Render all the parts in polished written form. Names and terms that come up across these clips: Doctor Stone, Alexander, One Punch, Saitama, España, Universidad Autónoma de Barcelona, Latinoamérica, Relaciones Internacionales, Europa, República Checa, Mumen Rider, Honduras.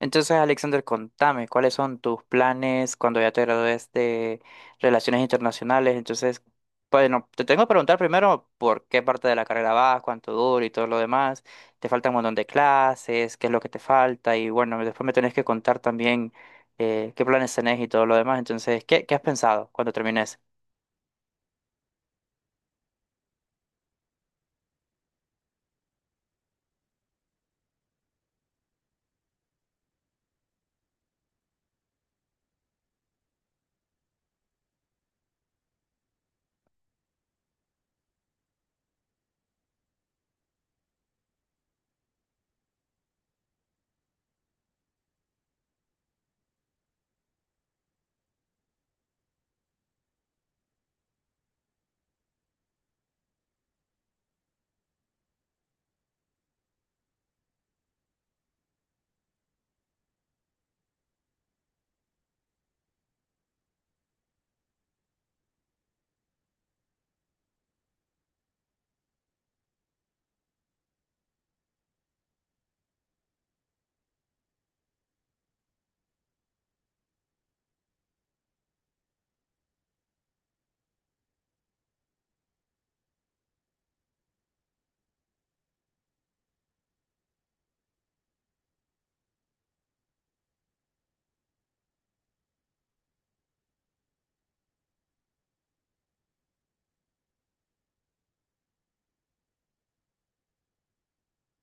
Entonces, Alexander, contame, ¿cuáles son tus planes cuando ya te gradúes de Relaciones Internacionales? Entonces, bueno, te tengo que preguntar primero por qué parte de la carrera vas, cuánto dura y todo lo demás. Te falta un montón de clases, qué es lo que te falta y bueno, después me tenés que contar también qué planes tenés y todo lo demás. Entonces, ¿qué has pensado cuando termines?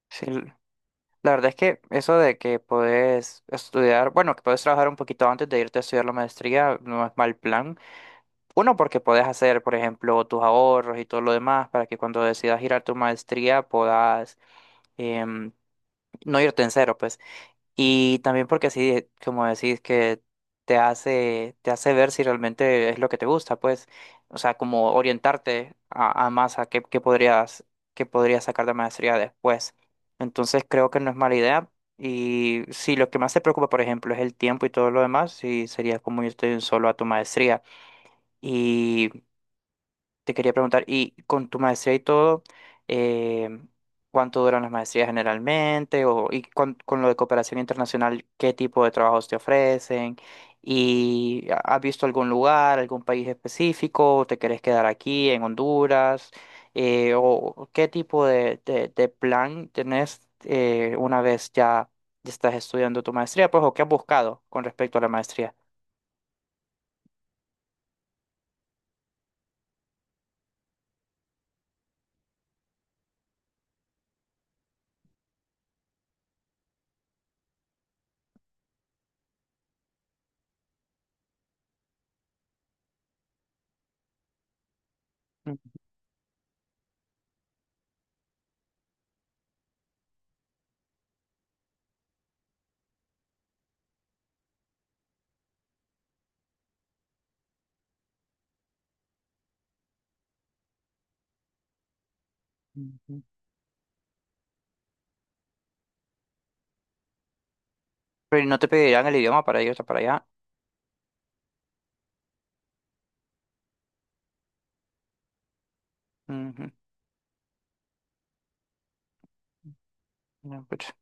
Sí, la verdad es que eso de que podés estudiar, bueno, que podés trabajar un poquito antes de irte a estudiar la maestría no es mal plan. Uno, porque podés hacer, por ejemplo, tus ahorros y todo lo demás para que cuando decidas girar tu maestría puedas em, no irte en cero, pues. Y también porque así, como decís, que te hace ver si realmente es lo que te gusta, pues. O sea, como orientarte a más a qué, qué podrías sacar de maestría después. Entonces creo que no es mala idea. Y si lo que más te preocupa, por ejemplo, es el tiempo y todo lo demás, sí sería como irte de un solo a tu maestría. Y te quería preguntar, y con tu maestría y todo, eh, ¿cuánto duran las maestrías generalmente? O, con lo de cooperación internacional, ¿qué tipo de trabajos te ofrecen? ¿Y has visto algún lugar, algún país específico? ¿O te querés quedar aquí en Honduras? ¿O qué tipo de plan tenés una vez ya estás estudiando tu maestría? Pues, ¿o qué has buscado con respecto a la maestría? Ujú. Ujú. Pero no te pedirán el idioma para irte para allá. Ujú. No, pues.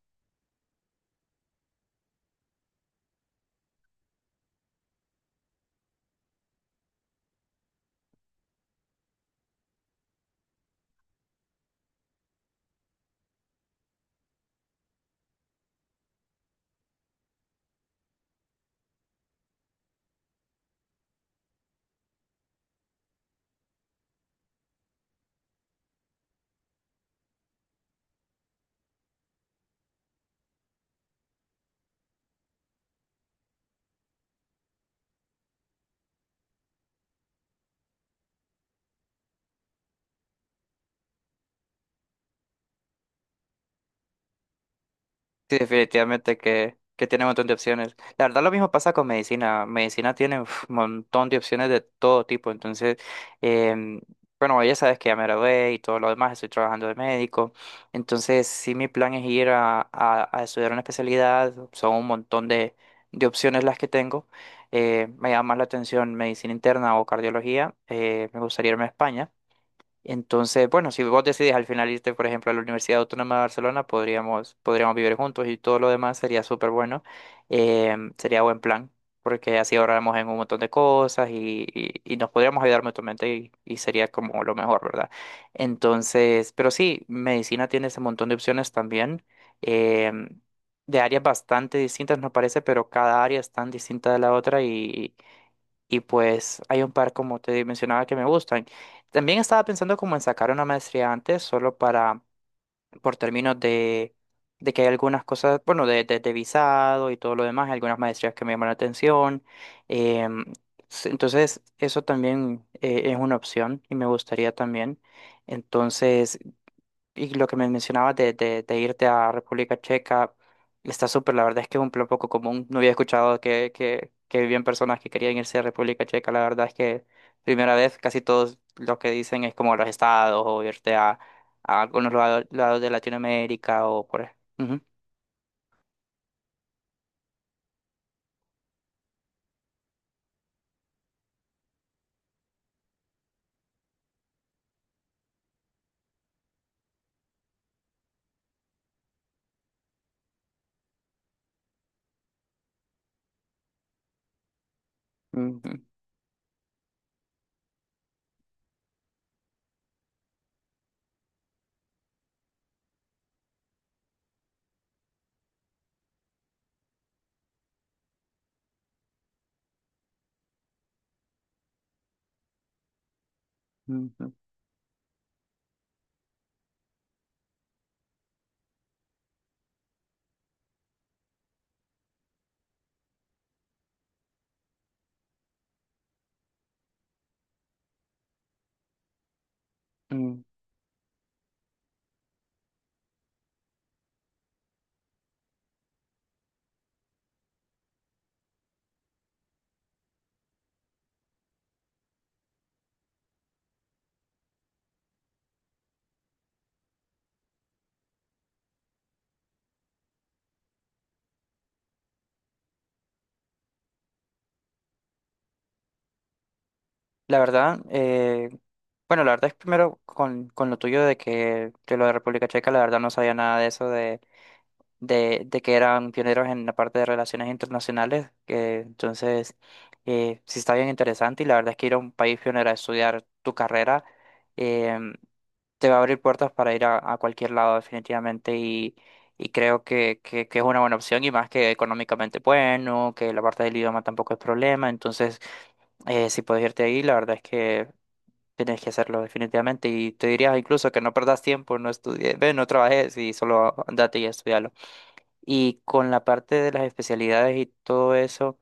Sí, definitivamente que tiene un montón de opciones. La verdad, lo mismo pasa con medicina. Medicina tiene un montón de opciones de todo tipo. Entonces, em, bueno, ya sabes que ya me gradué y todo lo demás, estoy trabajando de médico. Entonces, sí, mi plan es ir a estudiar una especialidad. Son un montón de opciones las que tengo. Me llama más la atención medicina interna o cardiología. Me gustaría irme a España. Entonces, bueno, si vos decidís al final irte, por ejemplo, a la Universidad Autónoma de Barcelona, podríamos vivir juntos y todo lo demás sería súper bueno. Sería buen plan, porque así ahorramos en un montón de cosas y nos podríamos ayudar mutuamente y sería como lo mejor, ¿verdad? Entonces, pero sí, medicina tiene ese montón de opciones también, em, de áreas bastante distintas, nos parece, pero cada área es tan distinta de la otra y pues hay un par, como te mencionaba, que me gustan. También estaba pensando como en sacar una maestría antes, solo para, por términos de que hay algunas cosas, bueno, de visado y todo lo demás, hay algunas maestrías que me llaman la atención. Em, entonces, eso también es una opción y me gustaría también. Entonces, y lo que me mencionabas de irte a República Checa está súper, la verdad es que es un plan poco común. No había escuchado que vivían personas que querían irse a República Checa. La verdad es que primera vez casi todos lo que dicen es como los estados o irte a algunos lados de Latinoamérica o por... ej- Ujú, ujú, ujú, ujú. La verdad, bueno, la verdad es primero con lo tuyo de que de lo de República Checa, la verdad no sabía nada de eso de que eran pioneros en la parte de relaciones internacionales, que entonces sí está bien interesante y la verdad es que ir a un país pionero a estudiar tu carrera em, te va a abrir puertas para ir a cualquier lado definitivamente y creo que es una buena opción y más que económicamente bueno, que la parte del idioma tampoco es problema, entonces si puedes irte ahí, la verdad es que... Tienes que hacerlo definitivamente y te diría incluso que no perdas tiempo, no estudies, ve, no trabajes y solo andate y estudialo. Y con la parte de las especialidades y todo eso,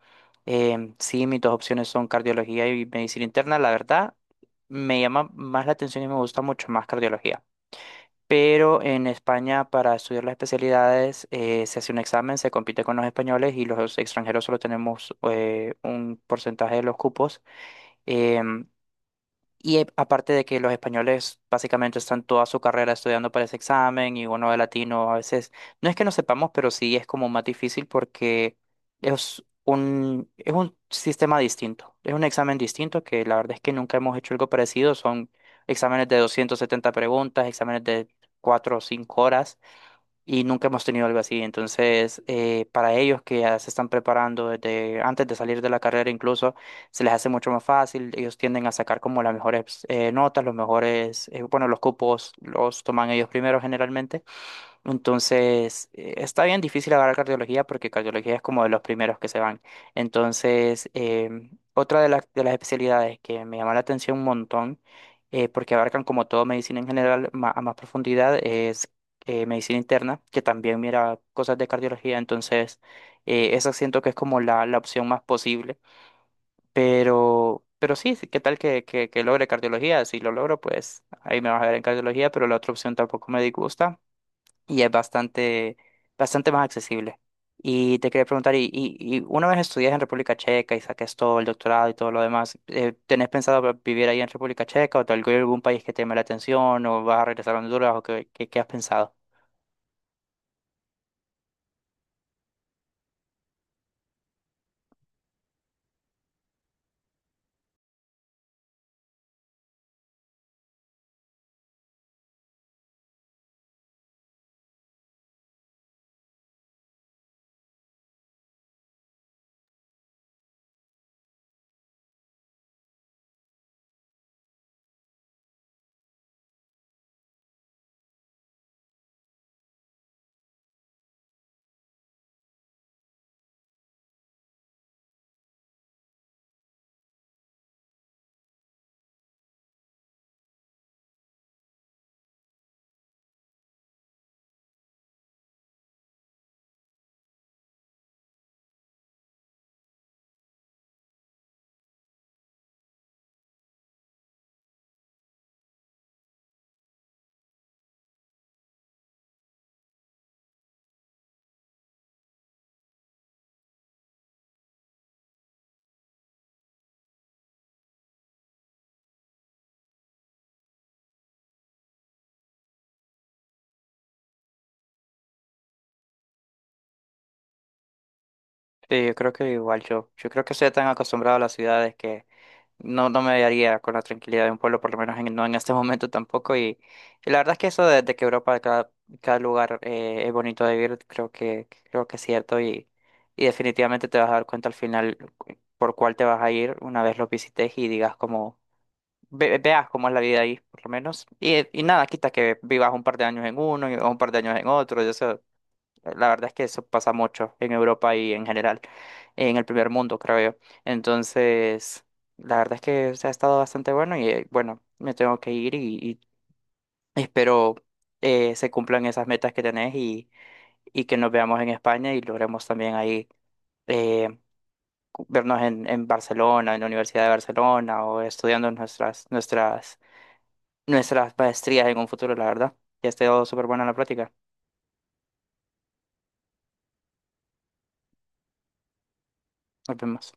sí, mis dos opciones son cardiología y medicina interna. La verdad, me llama más la atención y me gusta mucho más cardiología. Pero en España, para estudiar las especialidades, se hace un examen, se compite con los españoles y los extranjeros solo tenemos un porcentaje de los cupos. Em, y aparte de que los españoles básicamente están toda su carrera estudiando para ese examen y uno de latino a veces, no es que no sepamos, pero sí es como más difícil porque es es un sistema distinto, es un examen distinto que la verdad es que nunca hemos hecho algo parecido, son exámenes de 270 preguntas, exámenes de 4 o 5 horas y nunca hemos tenido algo así. Entonces, para ellos que ya se están preparando desde antes de salir de la carrera, incluso se les hace mucho más fácil. Ellos tienden a sacar como las mejores notas, los mejores, bueno, los cupos los toman ellos primero generalmente. Entonces, está bien difícil agarrar cardiología porque cardiología es como de los primeros que se van. Entonces, otra de las especialidades que me llama la atención un montón, porque abarcan como todo medicina en general ma- a más profundidad, es medicina interna, que también mira cosas de cardiología. Entonces, esa siento que es como la opción más posible. Pero sí, sí, ¿qué tal que logre cardiología? Si lo logro, pues ahí me vas a ver en cardiología, pero la otra opción tampoco me disgusta y es bastante, bastante más accesible. Y te quería preguntar, y una vez estudias en República Checa y saques todo el doctorado y todo lo demás, ¿tenés pensado vivir ahí en República Checa o te algún país que te llame la atención o vas a regresar a Honduras o qué has pensado? Sí, yo creo que igual yo creo que estoy tan acostumbrado a las ciudades que no, no me haría con la tranquilidad de un pueblo, por lo menos en- no en este momento tampoco. Y la verdad es que eso de que Europa, cada, cada lugar es bonito de vivir, creo creo que es cierto. Y definitivamente te vas a dar cuenta al final cu- por cuál te vas a ir una vez lo visites y digas como, ve- veas cómo es la vida ahí, por lo menos. Y nada, quita que vivas un par de años en uno y o un par de años en otro. La verdad es que eso pasa mucho en Europa y en general, en el primer mundo, creo yo. Entonces, la verdad es que se ha estado bastante bueno y bueno, me tengo que ir y espero se cumplan esas metas que tenés y que nos veamos en España y logremos también ahí eh, vernos en Barcelona, en la Universidad de Barcelona o estudiando nuestras maestrías en un futuro, la verdad. Ya ha estado súper buena la plática. Nos vemos.